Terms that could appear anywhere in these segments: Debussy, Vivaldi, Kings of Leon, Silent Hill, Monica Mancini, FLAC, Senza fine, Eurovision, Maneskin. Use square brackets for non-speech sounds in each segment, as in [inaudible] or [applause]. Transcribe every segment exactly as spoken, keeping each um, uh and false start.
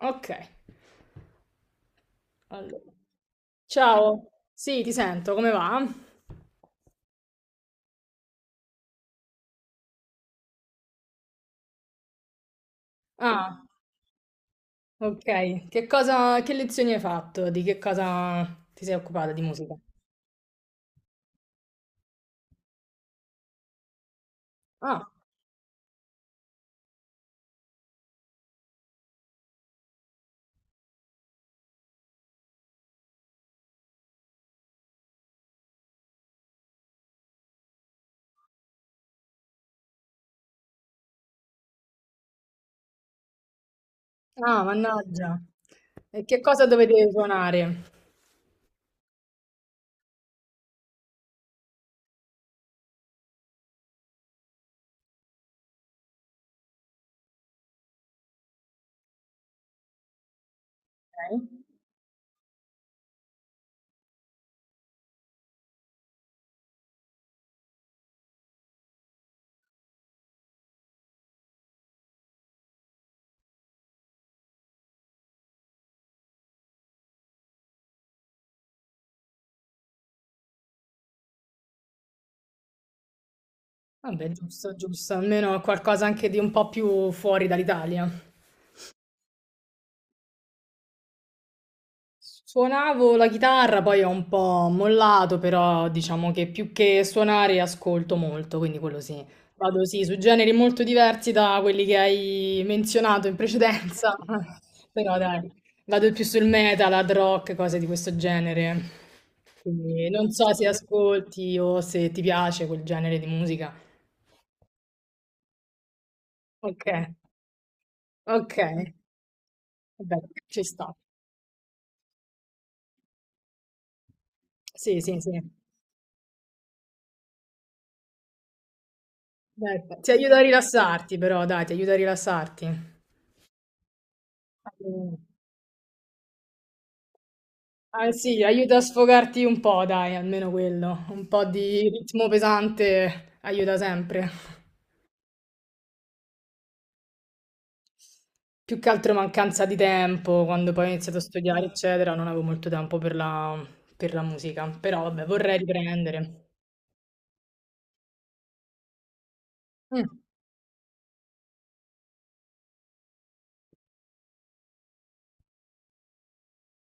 Ok, allora. Ciao, sì, ti sento, come va? Ah, ok. Che cosa, che lezioni hai fatto? Di che cosa ti sei occupata di musica? Ah, ah, mannaggia. E che cosa dovevi suonare? Ok. Vabbè, giusto, giusto, almeno qualcosa anche di un po' più fuori dall'Italia. Suonavo la chitarra, poi ho un po' mollato, però diciamo che più che suonare ascolto molto, quindi quello sì. Vado sì, su generi molto diversi da quelli che hai menzionato in precedenza, [laughs] però dai, vado più sul metal, hard rock, cose di questo genere. Quindi non so se ascolti o se ti piace quel genere di musica. Ok, ok, vabbè, ci sta. Sì, sì, sì. Dai, ti aiuta a rilassarti, però dai, ti aiuta a rilassarti. Ah, sì, aiuta a sfogarti un po', dai, almeno quello. Un po' di ritmo pesante aiuta sempre. Più che altro mancanza di tempo, quando poi ho iniziato a studiare, eccetera, non avevo molto tempo per la, per la musica. Però vabbè, vorrei riprendere. Mm.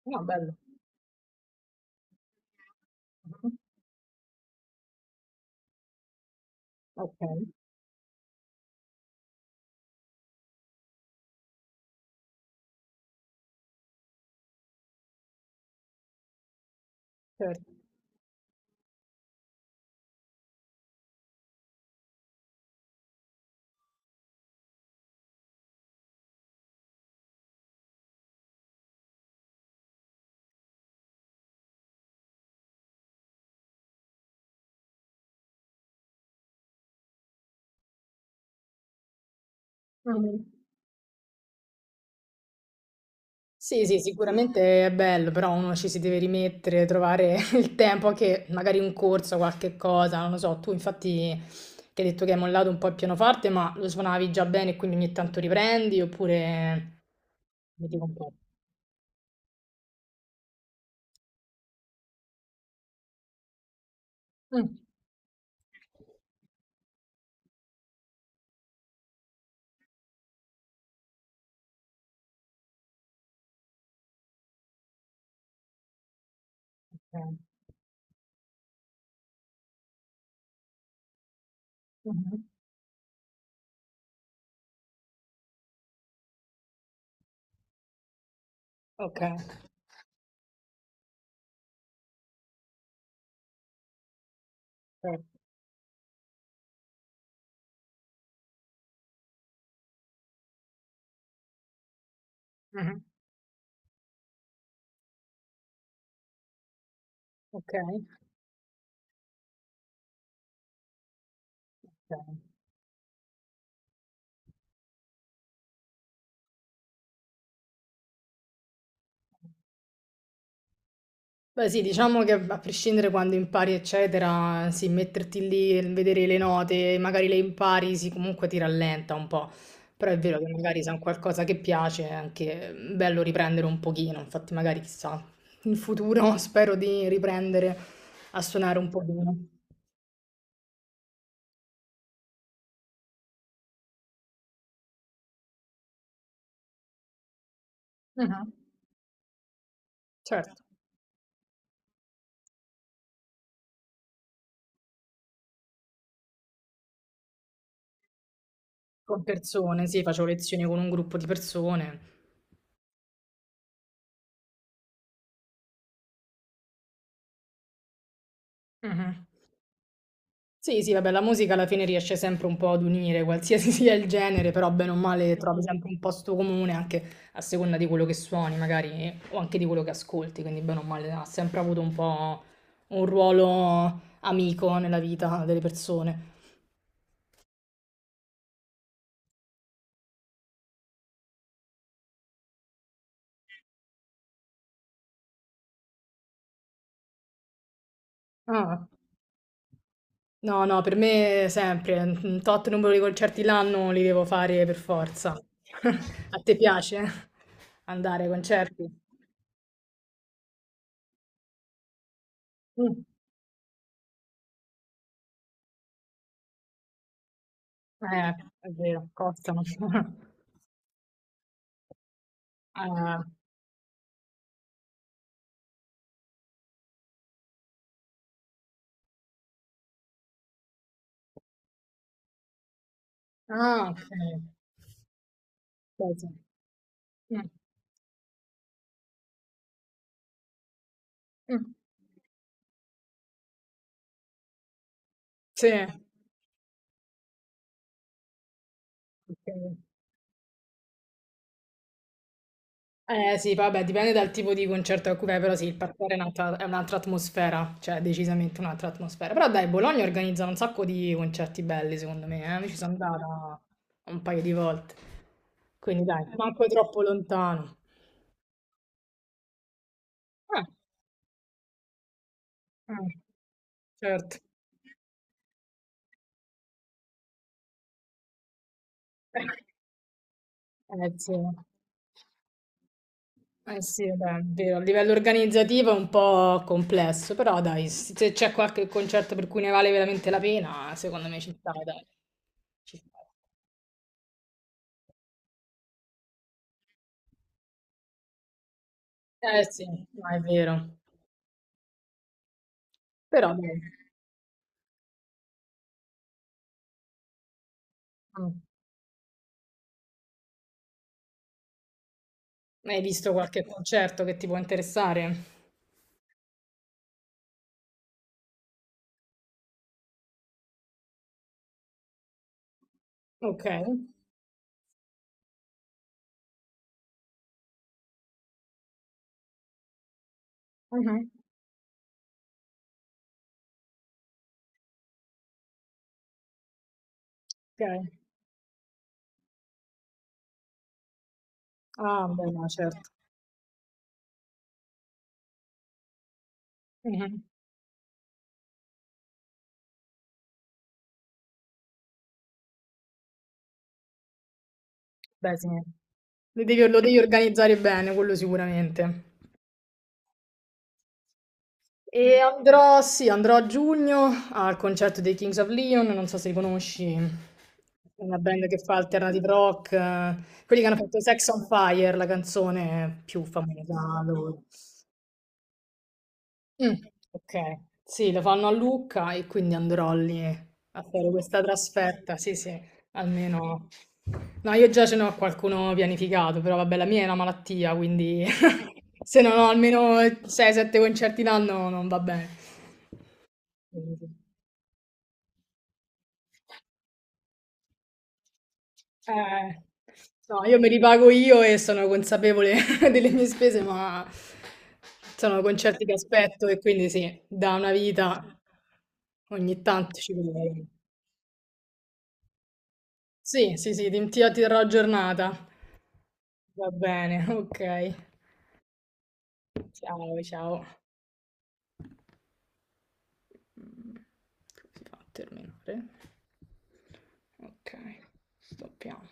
No, bello. Mhm. Ok, certo. Mm. Sì, sì, sicuramente è bello, però uno ci si deve rimettere, trovare [laughs] il tempo, anche magari un corso, qualche cosa, non lo so. Tu infatti che hai detto che hai mollato un po' il pianoforte, ma lo suonavi già bene e quindi ogni tanto riprendi, oppure... Mi dico un po'. Mm. Ok. Mhm. Ok. Ok. Mhm. Ok. Ok. Beh sì, diciamo che a prescindere quando impari eccetera, sì, metterti lì e vedere le note, magari le impari, sì, comunque ti rallenta un po', però è vero che magari se è un qualcosa che piace è anche bello riprendere un pochino, infatti magari chissà, in futuro [laughs] spero di riprendere a suonare un pochino. Mhm. Certo, con persone, sì, facevo lezioni con un gruppo di persone. Mhm. Sì, sì, vabbè, la musica alla fine riesce sempre un po' ad unire qualsiasi [laughs] sia il genere, però bene o male trovi Mhm. sempre un posto comune anche a seconda di quello che suoni, magari, o anche di quello che ascolti, quindi bene o male ha sempre avuto un po' un ruolo amico nella vita delle persone. Ah, no, no, per me sempre, un tot numero di concerti l'anno li devo fare per forza. [laughs] A te piace andare ai concerti? Mm. Eh, è vero, costano. [laughs] Eh, ah, okay. Beh, sì. Mh. Mh. Sì. Okay. Eh, sì, vabbè, dipende dal tipo di concerto a cui vai, però sì, il parterre è un'altra è un'altra atmosfera, cioè decisamente un'altra atmosfera. Però dai, Bologna organizza un sacco di concerti belli, secondo me, eh. Io ci sono andata un paio di volte, quindi dai, manco troppo lontano. Eh, mh. Certo. [laughs] Eh, sì. Eh sì, vabbè, è vero, a livello organizzativo è un po' complesso, però dai, se c'è qualche concerto per cui ne vale veramente la pena, secondo me ci sta, dai. Ci sta. Eh sì, no, è vero. Però dai, mm, hai visto qualche concerto che ti può interessare? Ok. Mhm. Ok. Ah, beh, no, certo. Mhm. Beh, sì. Lo devi, lo devi organizzare bene, quello sicuramente. E andrò, sì, andrò a giugno al concerto dei Kings of Leon, non so se li conosci, è una band che fa alternative rock, eh, quelli che hanno fatto Sex on Fire, la canzone più famosa loro. Mm, ok, sì, lo fanno a Lucca e quindi andrò lì a fare questa trasferta, sì, sì, almeno... No, io già ce n'ho qualcuno pianificato, però vabbè, la mia è una malattia, quindi [laughs] se non ho almeno sei sette concerti l'anno non va bene. Quindi sì. Eh, no, io me li pago io e sono consapevole [laughs] delle mie spese, ma sono concerti che aspetto e quindi sì, da una vita ogni tanto ci provo. Sì, sì, sì, ti, ti terrò giornata. Va bene, [laughs] ok. Ciao, ciao. Come si fa a terminare? Ok, stoppiamo.